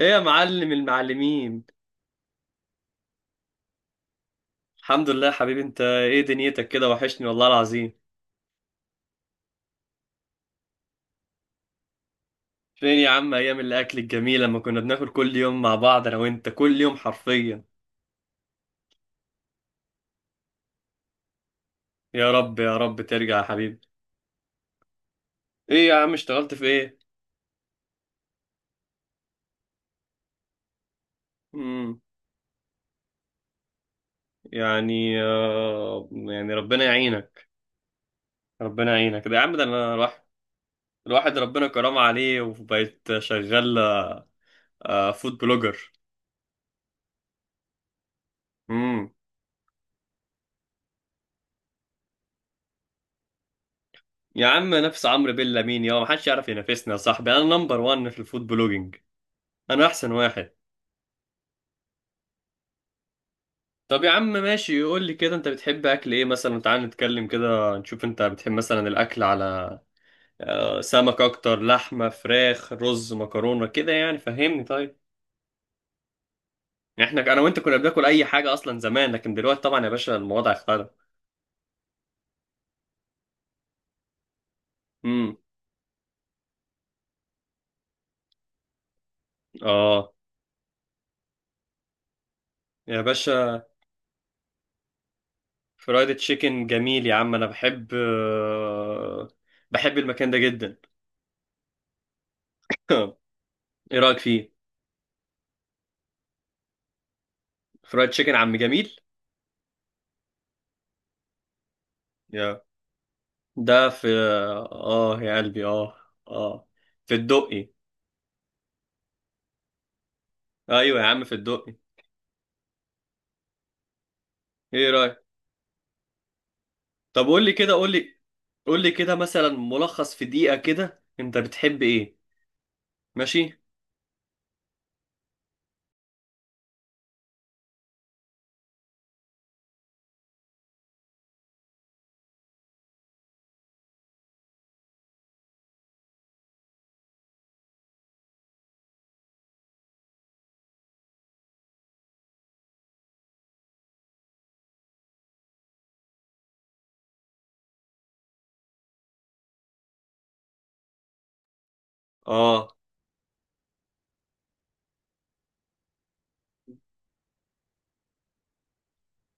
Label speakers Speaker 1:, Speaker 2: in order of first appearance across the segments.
Speaker 1: ايه يا معلم المعلمين. الحمد لله يا حبيبي، انت ايه دنيتك كده؟ وحشني والله العظيم. فين يا عم ايام الاكل الجميل لما كنا بناكل كل يوم مع بعض انا وانت كل يوم حرفيا؟ يا رب يا رب ترجع يا حبيبي. ايه يا عم اشتغلت في ايه؟ امم. يعني ربنا يعينك. ربنا يعينك، ده يا عم، ده انا الواحد ربنا كرم عليه وبقيت شغال. فود بلوجر. امم. يا عم، نفس عمرو بيلا مين يا؟ ما حدش يعرف ينافسنا يا صاحبي، انا نمبر 1 في الفود بلوجينج. انا احسن واحد. طب يا عم ماشي، يقول لي كده انت بتحب اكل ايه مثلا، تعال نتكلم كده نشوف، انت بتحب مثلا الاكل على سمك اكتر؟ لحمه، فراخ، رز، مكرونه، كده يعني فهمني، طيب. احنا انا وانت كنا بناكل اي حاجه اصلا زمان، لكن دلوقتي طبعا يا باشا الوضع اختلف. امم. اه. يا باشا، فرايد تشيكن جميل يا عم، انا بحب المكان ده جدا. ايه رايك فيه؟ فرايد تشيكن عم جميل. ده في اه يا قلبي، اه في الدقي. ايوه يا عم في الدقي. ايه رايك؟ طب قول لي كده، قول لي، قول لي كده مثلا ملخص في دقيقه كده، انت بتحب ايه؟ ماشي. اه.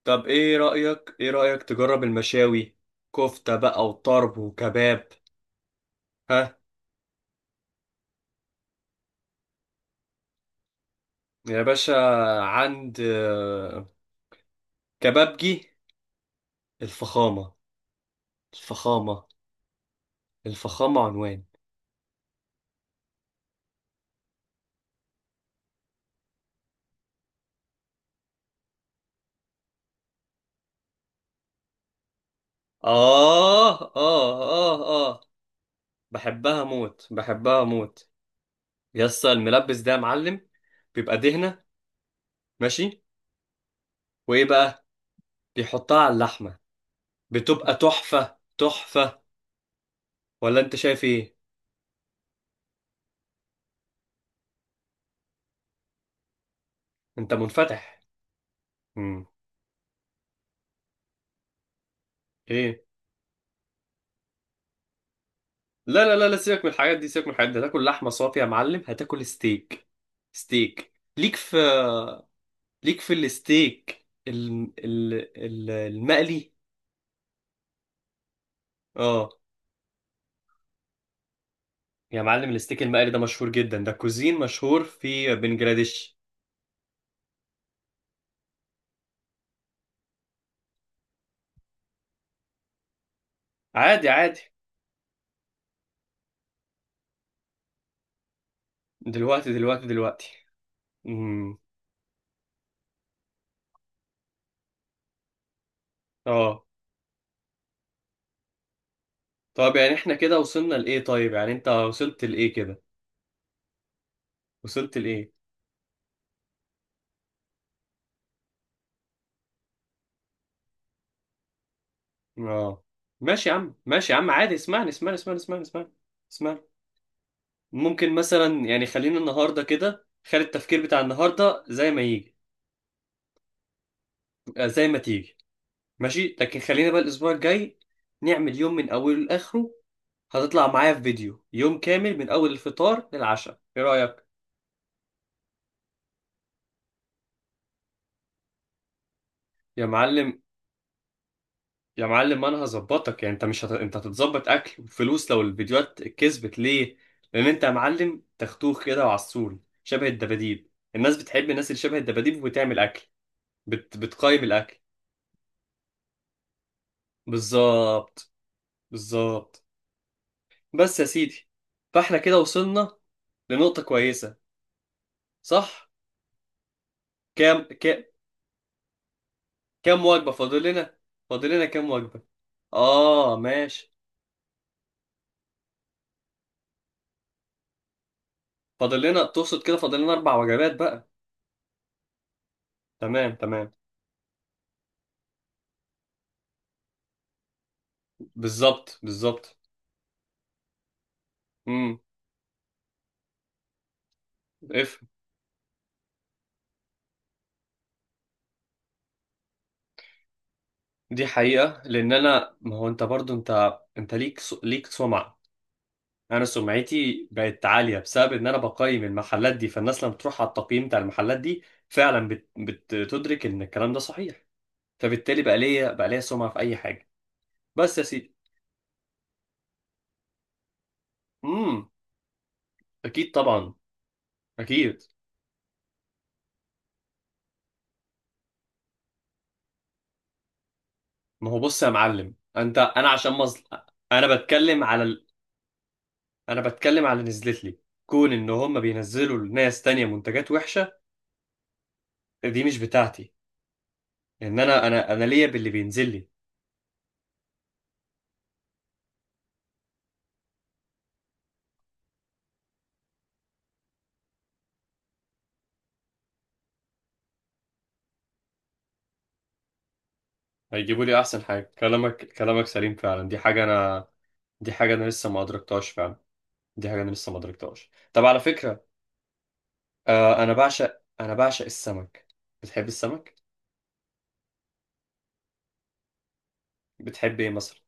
Speaker 1: طب ايه رايك تجرب المشاوي؟ كفته بقى، وطرب، وكباب. ها؟ يا باشا، عند كبابجي الفخامه، الفخامه، الفخامه عنوان. اه، اه، اه، اه. بحبها موت، بحبها موت. يسا الملبس ده يا معلم، بيبقى دهنة. ماشي. وايه بقى؟ بيحطها على اللحمة، بتبقى تحفة تحفة. ولا انت شايف ايه؟ انت منفتح. امم. ايه؟ لا، لا، لا، لا، سيبك من الحاجات دي، سيبك من الحاجات دي، هتاكل لحمة صافية يا معلم، هتاكل ستيك. ستيك ليك في ليك في الستيك المقلي. اه. يا معلم، الستيك المقلي ده مشهور جدا، ده كوزين مشهور في بنجلاديش. عادي عادي. دلوقتي، دلوقتي، دلوقتي. امم. اه. طب يعني احنا كده وصلنا لايه؟ طيب يعني انت وصلت لايه كده؟ وصلت لايه؟ اه. ماشي يا عم، ماشي يا عم، عادي، اسمعني اسمعني اسمعني اسمعني اسمعني اسمعني. ممكن مثلا يعني خلينا النهارده كده، خلي التفكير بتاع النهارده زي ما تيجي. ماشي، لكن خلينا بقى الاسبوع الجاي نعمل يوم من اوله لاخره. هتطلع معايا في فيديو يوم كامل من اول الفطار للعشاء، ايه رايك؟ يا معلم، يا معلم، انا هظبطك. يعني انت مش انت هتتظبط اكل وفلوس لو الفيديوهات كسبت ليه. لان انت يا معلم تختوخ كده وعسول شبه الدباديب، الناس بتحب الناس اللي شبه الدباديب وبتعمل اكل. بتقيم الاكل. بالظبط. بالظبط. بس يا سيدي، فاحنا كده وصلنا لنقطة كويسة، صح؟ كام ك... كام وجبة فاضل لنا؟ فاضل لنا كام وجبة؟ اه ماشي. فاضل لنا تقصد كده فاضل لنا اربع وجبات بقى. تمام، تمام. بالظبط، بالظبط. اف دي حقيقة، لأن أنا، ما هو أنت برضو، أنت ليك سمعة. أنا سمعتي بقت عالية بسبب إن أنا بقيم المحلات دي، فالناس لما تروح على التقييم بتاع المحلات دي فعلا بتدرك إن الكلام ده صحيح. فبالتالي بقى ليا سمعة في أي حاجة. بس يا سيدي. امم. أكيد طبعا. أكيد. ما هو بص يا معلم، أنت أنا عشان مظل... أنا بتكلم على ال... أنا بتكلم على اللي نزلت لي. كون إن هم بينزلوا لناس تانية منتجات وحشة، دي مش بتاعتي. ان انا ليا باللي بينزل لي. هيجيبوا لي احسن حاجه. كلامك، كلامك سليم فعلا. دي حاجه انا لسه ما ادركتهاش فعلا. دي حاجه انا لسه ما ادركتهاش. طب على فكره، آه، انا بعشق السمك. بتحب السمك؟ بتحب ايه مثلا؟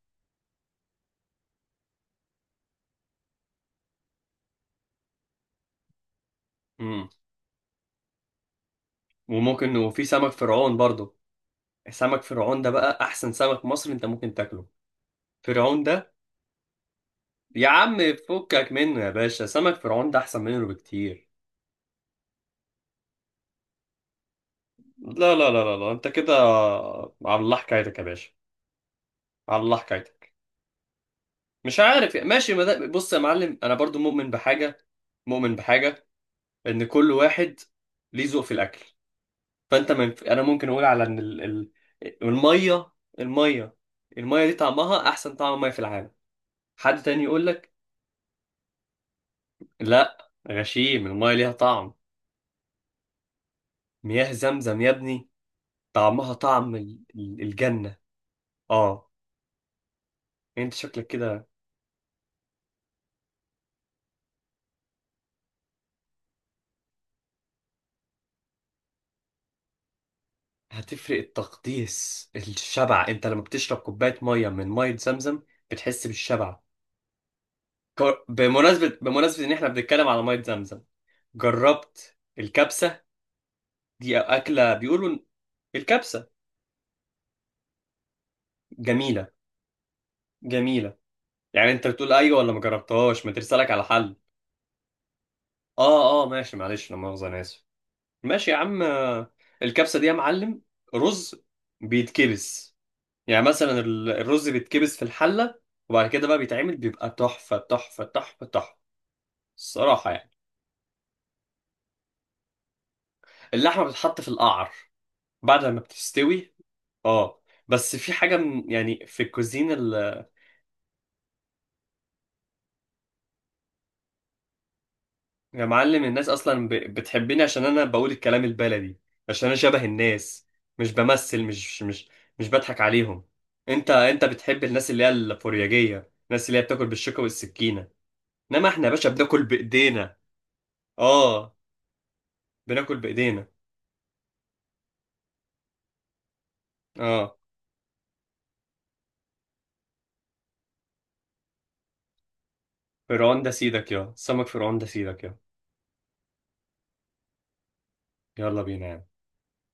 Speaker 1: امم. وممكن، وفي سمك فرعون برضو. سمك فرعون ده بقى احسن سمك مصري انت ممكن تاكله. فرعون ده، يا عم، فكك منه يا باشا، سمك فرعون ده احسن منه بكتير. لا، لا، لا، لا، لا. انت كده على الله حكايتك يا باشا، على الله حكايتك. مش عارف يعني، ماشي، ما ده- بص يا معلم انا برضو مؤمن بحاجه، مؤمن بحاجه ان كل واحد ليه ذوق في الاكل. فانت، من انا ممكن اقول على ان الميه الميه الميه دي طعمها احسن طعم ميه في العالم. حد تاني يقول لك؟ لا غشيم، الميه ليها طعم. مياه زمزم يا ابني، طعمها طعم الجنه. اه. انت شكلك كده هتفرق التقديس الشبع، انت لما بتشرب كوبايه ميه من ميه زمزم بتحس بالشبع. بمناسبة إن إحنا بنتكلم على مية زمزم، جربت الكبسة؟ دي أكلة بيقولوا إن الكبسة جميلة، جميلة. يعني أنت بتقول أيوة ولا ما جربتهاش؟ ما ترسلك على حل. آه، آه، ماشي، معلش، لا مؤاخذة، أنا آسف. ماشي يا عم، الكبسة دي يا معلم، رز بيتكبس. يعني مثلا الرز بيتكبس في الحلة. وبعد كده بقى بيتعمل، بيبقى تحفة، تحفة، تحفة، تحفة، الصراحة يعني. اللحمة بتتحط في القعر بعد ما بتستوي. اه. بس في حاجة يعني في الكوزين يا معلم، الناس أصلا بتحبني عشان أنا بقول الكلام البلدي، عشان أنا شبه الناس، مش بمثل، مش بضحك عليهم. أنت بتحب الناس اللي هي الفورياجية، الناس اللي هي بتاكل بالشوكة والسكينة، إنما إحنا يا باشا بناكل بإيدينا. آه. بناكل بإيدينا. آه. فرعون ده سيدك يا سمك فرعون ده سيدك يا. يلا بينا يا